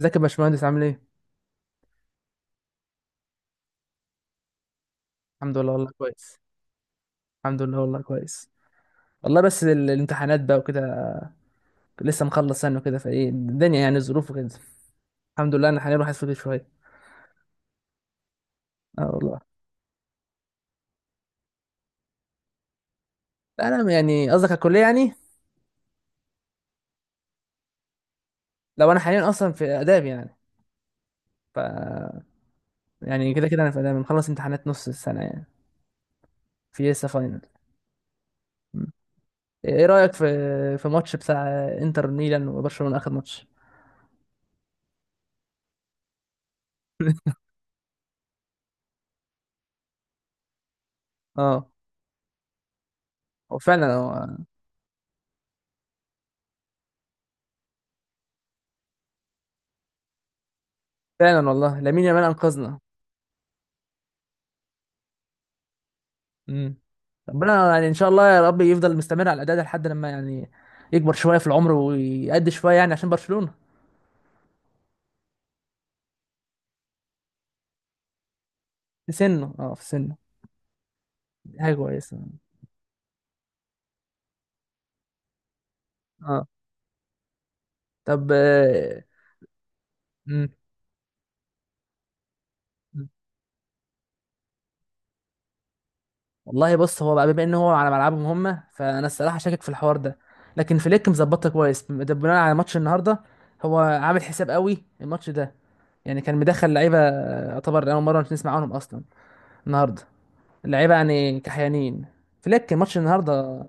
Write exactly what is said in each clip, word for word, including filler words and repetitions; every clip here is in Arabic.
ازيك يا باشمهندس عامل ايه؟ الحمد لله والله كويس. الحمد لله والله كويس. والله بس ال- الامتحانات بقى وكده. لسه مخلص سنة وكده فايه الدنيا، يعني الظروف وكده. الحمد لله، انا حاليا راح اسافر شوية. اه والله. انا يعني قصدك على الكلية يعني. لو انا حاليا اصلا في آداب يعني. ف يعني كده كده انا في آداب، مخلص امتحانات نص السنة يعني. في لسه فاينل. م. ايه رأيك في في ماتش بتاع انتر ميلان وبرشلونة، اخر ماتش؟ اه هو فعلا هو. فعلا والله لامين يامال انقذنا. امم ربنا يعني ان شاء الله يا رب يفضل مستمر على الاداء ده لحد لما يعني يكبر شويه في العمر ويأدي شويه يعني عشان برشلونه. في سنه، اه في سنه. دي حاجه كويسه. اه طب آه، امم والله بص، هو بقى بما ان هو على ملعبهم هم، فانا الصراحه شاكك في الحوار ده. لكن فليك مظبطها كويس، ده بناء على ماتش النهارده. هو عامل حساب قوي الماتش ده. يعني كان مدخل لعيبه آه، يعتبر اول مره نسمع عنهم اصلا النهارده. اللعيبه يعني كحيانين. فليك ماتش النهارده.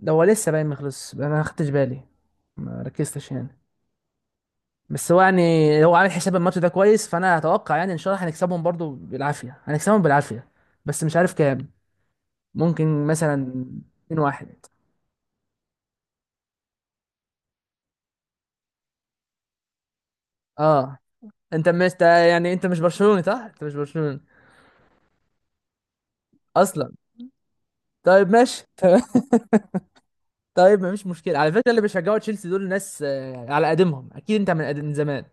ده هو لسه باين، ما خلص، انا ما خدتش بالي، ما ركزتش يعني. بس هو يعني هو عامل حساب الماتش ده كويس، فانا اتوقع يعني ان شاء الله هنكسبهم برضو بالعافيه، هنكسبهم بالعافيه. بس مش عارف كام. ممكن مثلا 2 واحد. اه، انت مش انت يعني انت مش برشلوني صح انت مش برشلوني اصلا؟ طيب، ماشي تمام. طيب مفيش مشكله على فكره. اللي بيشجعوا تشيلسي دول ناس آه، على قديمهم، اكيد انت من قديم، من زمان.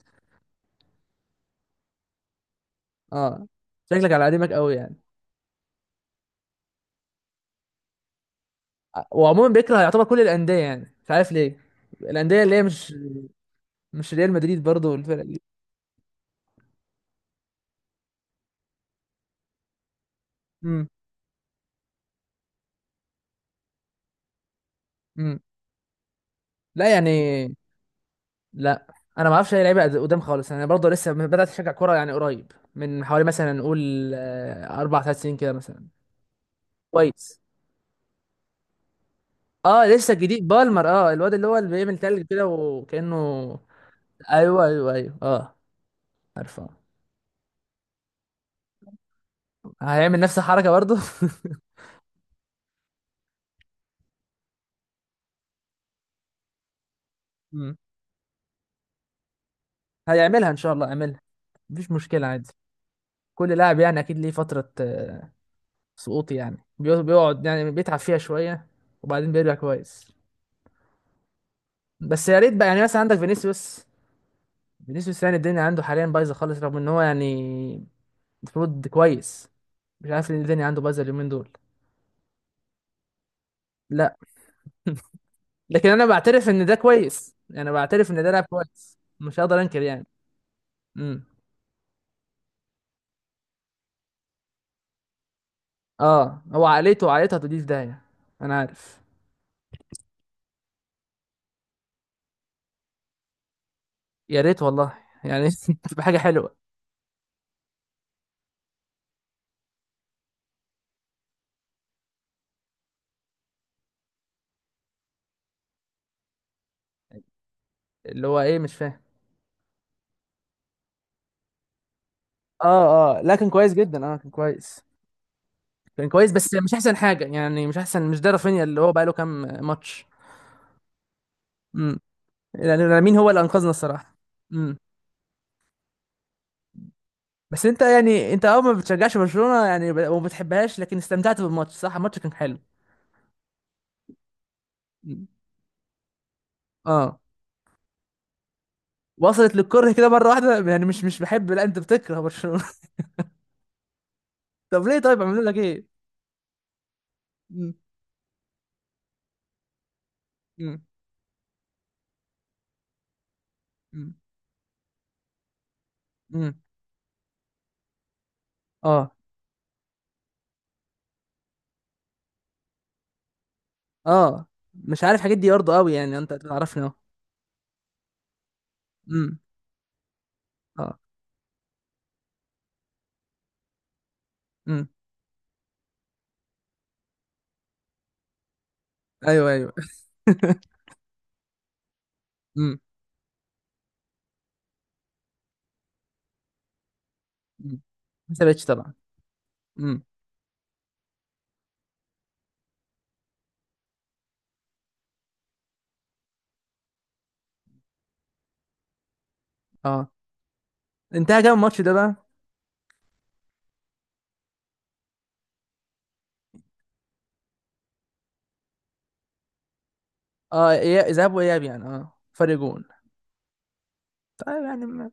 اه، شكلك على قديمك قوي يعني. آه، وعموما بيكره يعتبر كل الانديه يعني، مش عارف ليه. الانديه اللي هي مش، مش ريال مدريد، برضه الفرق دي. امم. امم. لا يعني، لا، انا ما اعرفش اي لعيبه قدام خالص، انا برضه لسه بدات اشجع كوره يعني قريب، من حوالي مثلا نقول آه، اربع، ثلاث سنين كده مثلا. كويس. اه لسه جديد بالمر، اه الواد اللي هو اللي بيعمل تلج كده وكانه. ايوه ايوه ايوه اه، عارفه. هيعمل نفس الحركه برضه. مم. هيعملها ان شاء الله، يعملها. مفيش مشكله، عادي. كل لاعب يعني اكيد ليه فتره آه، سقوط، يعني بيقعد بيقعد يعني بيتعب فيها شويه، وبعدين بيرجع كويس. بس يا ريت بقى يعني، مثلا عندك فينيسيوس. فينيسيوس يعني الدنيا عنده حاليا بايظه خالص، رغم ان هو يعني المفروض كويس. مش عارف ليه الدنيا عنده بايظه اليومين دول. لا، لكن انا بعترف ان ده كويس، يعني بعترف ان ده لاعب كويس، مش هقدر انكر يعني. امم. اه هو عقليته، عقليته هتوديه في داهيه. انا عارف. يا ريت والله، يعني تبقى حاجه حلوه. اللي هو ايه، مش فاهم. اه اه، لا كان كويس جدا، اه كان كويس. كان كويس بس مش احسن حاجه يعني، مش احسن، مش ده رافينيا اللي هو بقاله كام ماتش. يعني مين هو اللي انقذنا الصراحه؟ امم. بس انت يعني انت، اه، ما بتشجعش برشلونه يعني، ب- وما بتحبهاش، لكن استمتعت بالماتش، صح؟ الماتش كان حلو. مم. اه. وصلت للكره كده مره واحده يعني، مش، مش بحب، لا انت بتكره برشلونه. طب ليه؟ طيب عملوا لك ايه؟ مم. مم. مم. مم. اه. اه، مش عارف الحاجات دي برضه قوي يعني، انت تعرفني اهو. امم. اه. امم. ايوه ايوه. امم. امم. ما سابتش طبعا. امم. اه. انتهى كام الماتش ده بقى؟ اه، إياب- اياب، ذهاب واياب يعني، اه فرق جون. طيب يعني ما-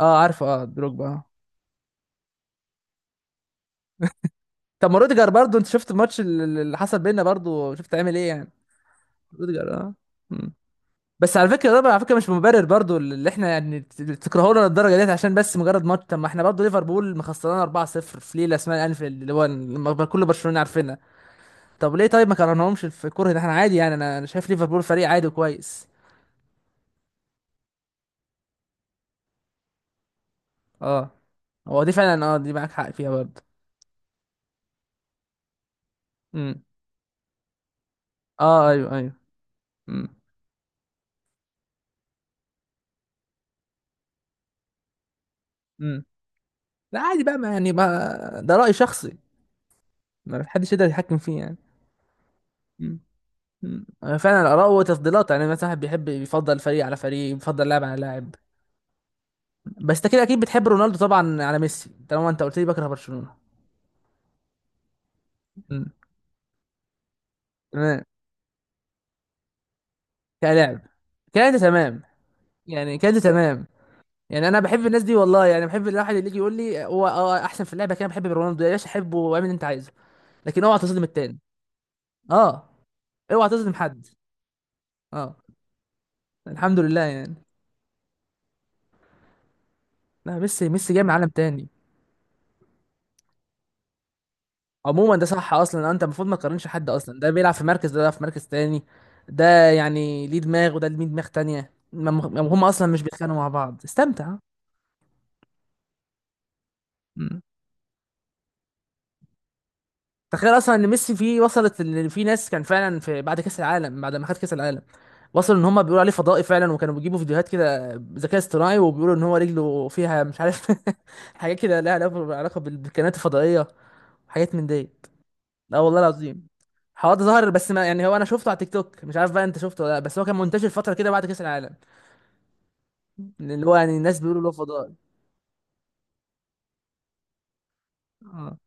اه، عارفه، اه دروجبا اه. طب ما روديجر برضو، انت شفت الماتش اللي اللي حصل بينا برضو؟ شفت عامل ايه يعني؟ روديجر اه. مم. بس على فكره ده، على فكره مش مبرر برضو اللي احنا يعني تكرهونا للدرجه ديت عشان بس مجرد ماتش. طب ما احنا برضو ليفربول مخسرانا اربعة صفر في ليله اسمها انفيلد، اللي هو لما كل برشلونه عارفينها. طب ليه؟ طيب، ما كرهناهمش في الكره ده، احنا عادي يعني. انا، انا شايف ليفربول فريق عادي وكويس. اه هو دي فعلا، اه دي معاك حق فيها برضو. امم. اه. ايوه ايوه. امم. لا عادي بقى، ما يعني، ما ده رأي شخصي، ما حدش يقدر يتحكم فيه يعني. مم. مم. فعلا، الآراء وتفضيلات يعني، مثلا واحد بيحب، يفضل فريق على فريق، يفضل لاعب على لاعب. بس انت كده اكيد بتحب رونالدو طبعا على ميسي، طالما انت قلت لي بكره برشلونة. مم. تمام. كلاعب، كده انت تمام. يعني كده انت تمام. يعني انا بحب الناس دي والله، يعني بحب الواحد اللي يجي يقول لي هو اه احسن في اللعبه. كده بحب رونالدو، يا باشا حبه واعمل اللي انت عايزه، لكن اوعى تظلم التاني. اه. اوعى تظلم حد. اه. الحمد لله يعني. لا، ميسي، ميسي جاي من عالم تاني. عموما ده صح اصلا، أه، انت المفروض ما تقارنش حد اصلا، ده بيلعب في مركز، ده بيلعب في مركز تاني. ده يعني ليه دماغ، وده ليه دماغ تانية، ما- ما- هم اصلا مش بيتخانقوا مع بعض، استمتع. مم. تخيل اصلا ان ميسي فيه، وصلت ان في ناس كان فعلا، في بعد كاس العالم بعد ما خد كاس العالم وصلوا ان هم بيقولوا عليه فضائي فعلا، وكانوا بيجيبوا فيديوهات كده ذكاء اصطناعي، وبيقولوا ان هو رجله فيها مش عارف حاجات كده لها علاقه، علاقة بالكائنات الفضائيه وحاجات من ديت. لا والله العظيم. حواد ظهر بس، ما يعني هو انا شفته على تيك توك، مش عارف بقى انت شفته ولا لا، بس هو كان منتشر فتره كده بعد كاس العالم. اللي هو يعني الناس بيقولوا له فضائي. اه،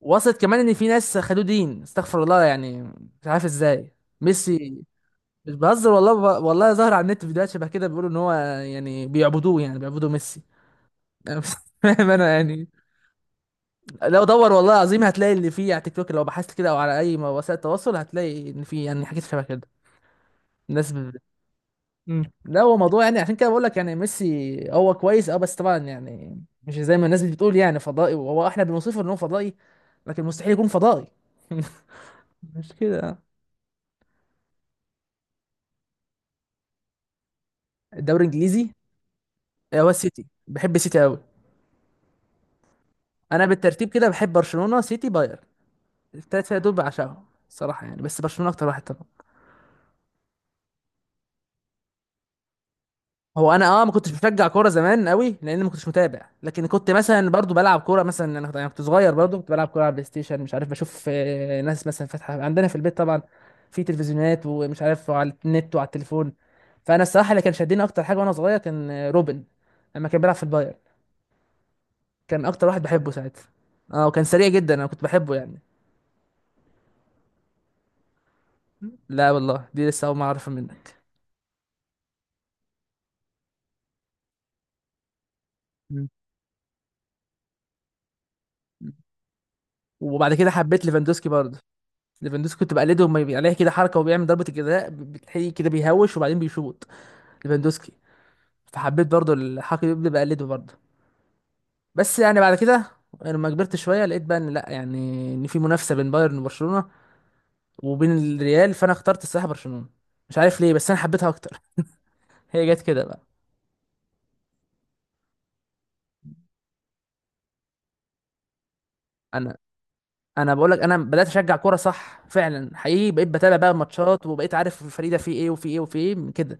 وصلت كمان ان في ناس خدوه دين، استغفر الله يعني، مش عارف ازاي. ميسي. مش بهزر والله. ب... والله ظهر على النت فيديوهات شبه كده، بيقولوا ان هو يعني بيعبدوه، يعني بيعبدوا ميسي. أنا مش فاهم انا يعني. لو دور والله العظيم هتلاقي اللي فيه على تيك توك، لو بحثت كده او على اي وسائل تواصل هتلاقي ان في يعني حاجات شبه كده. الناس. مم. لا هو موضوع يعني، عشان كده بقول لك يعني ميسي هو كويس اه، بس طبعا يعني مش زي ما الناس بتقول يعني فضائي، وهو احنا بنوصفه ان هو فضائي، لكن مستحيل يكون فضائي. مش كده؟ الدوري الانجليزي آه، هو السيتي، بحب السيتي قوي. انا بالترتيب كده بحب برشلونة، سيتي، بايرن. الثلاث فرق دول بعشقهم الصراحة يعني، بس برشلونة اكتر واحد طبعا. هو انا اه ما كنتش بشجع كوره زمان قوي، لان ما كنتش متابع، لكن كنت مثلا برضو بلعب كوره مثلا. انا كنت، أنا كنت صغير برضو كنت بلعب كوره على بلاي ستيشن، مش عارف، بشوف آه، ناس مثلا فاتحه عندنا في البيت طبعا في تلفزيونات، ومش عارف على النت وعلى التليفون. فانا الصراحه اللي كان شدني اكتر حاجه وانا صغير كان آه، روبن لما كان بيلعب في البايرن، كان اكتر واحد بحبه ساعتها. اه وكان سريع جدا، انا كنت بحبه يعني. لا والله، دي لسه اول ما اعرفها منك. مم. وبعد كده حبيت ليفاندوسكي برضو. ليفاندوسكي كنت بقلده، لما يبقى عليه كده حركه وبيعمل ضربه الجزاء، ب- بتلاقيه كده بيهوش وبعدين بيشوط. ليفاندوسكي. فحبيت برضو الحركه دي، بقى بقلده برضو. بس يعني بعد كده، يعني لما كبرت شويه لقيت بقى ان لا يعني، ان في منافسه بين بايرن وبرشلونه وبين الريال، فانا اخترت الصراحه برشلونه. مش عارف ليه بس انا حبيتها اكتر. هي جت كده بقى. انا، انا بقول لك انا بدات اشجع كوره صح فعلا حقيقي، بقيت بتابع بقى ماتشات، وبقيت عارف الفريق ده فيه ايه وفيه ايه وفيه ايه من كده.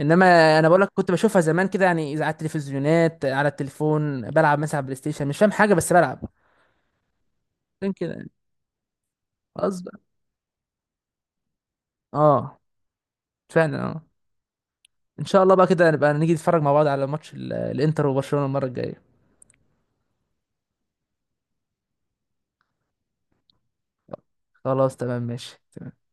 انما انا بقول لك كنت بشوفها زمان كده يعني، اذا على التلفزيونات، على التليفون، بلعب مثلا على البلاي ستيشن، مش فاهم حاجه بس بلعب. عشان كده يعني غصب. اه، فعلا اه. ان شاء الله بقى كده نبقى نيجي نتفرج مع بعض على ماتش ال- الانتر وبرشلونه المره الجايه. خلاص، تمام، ماشي تمام.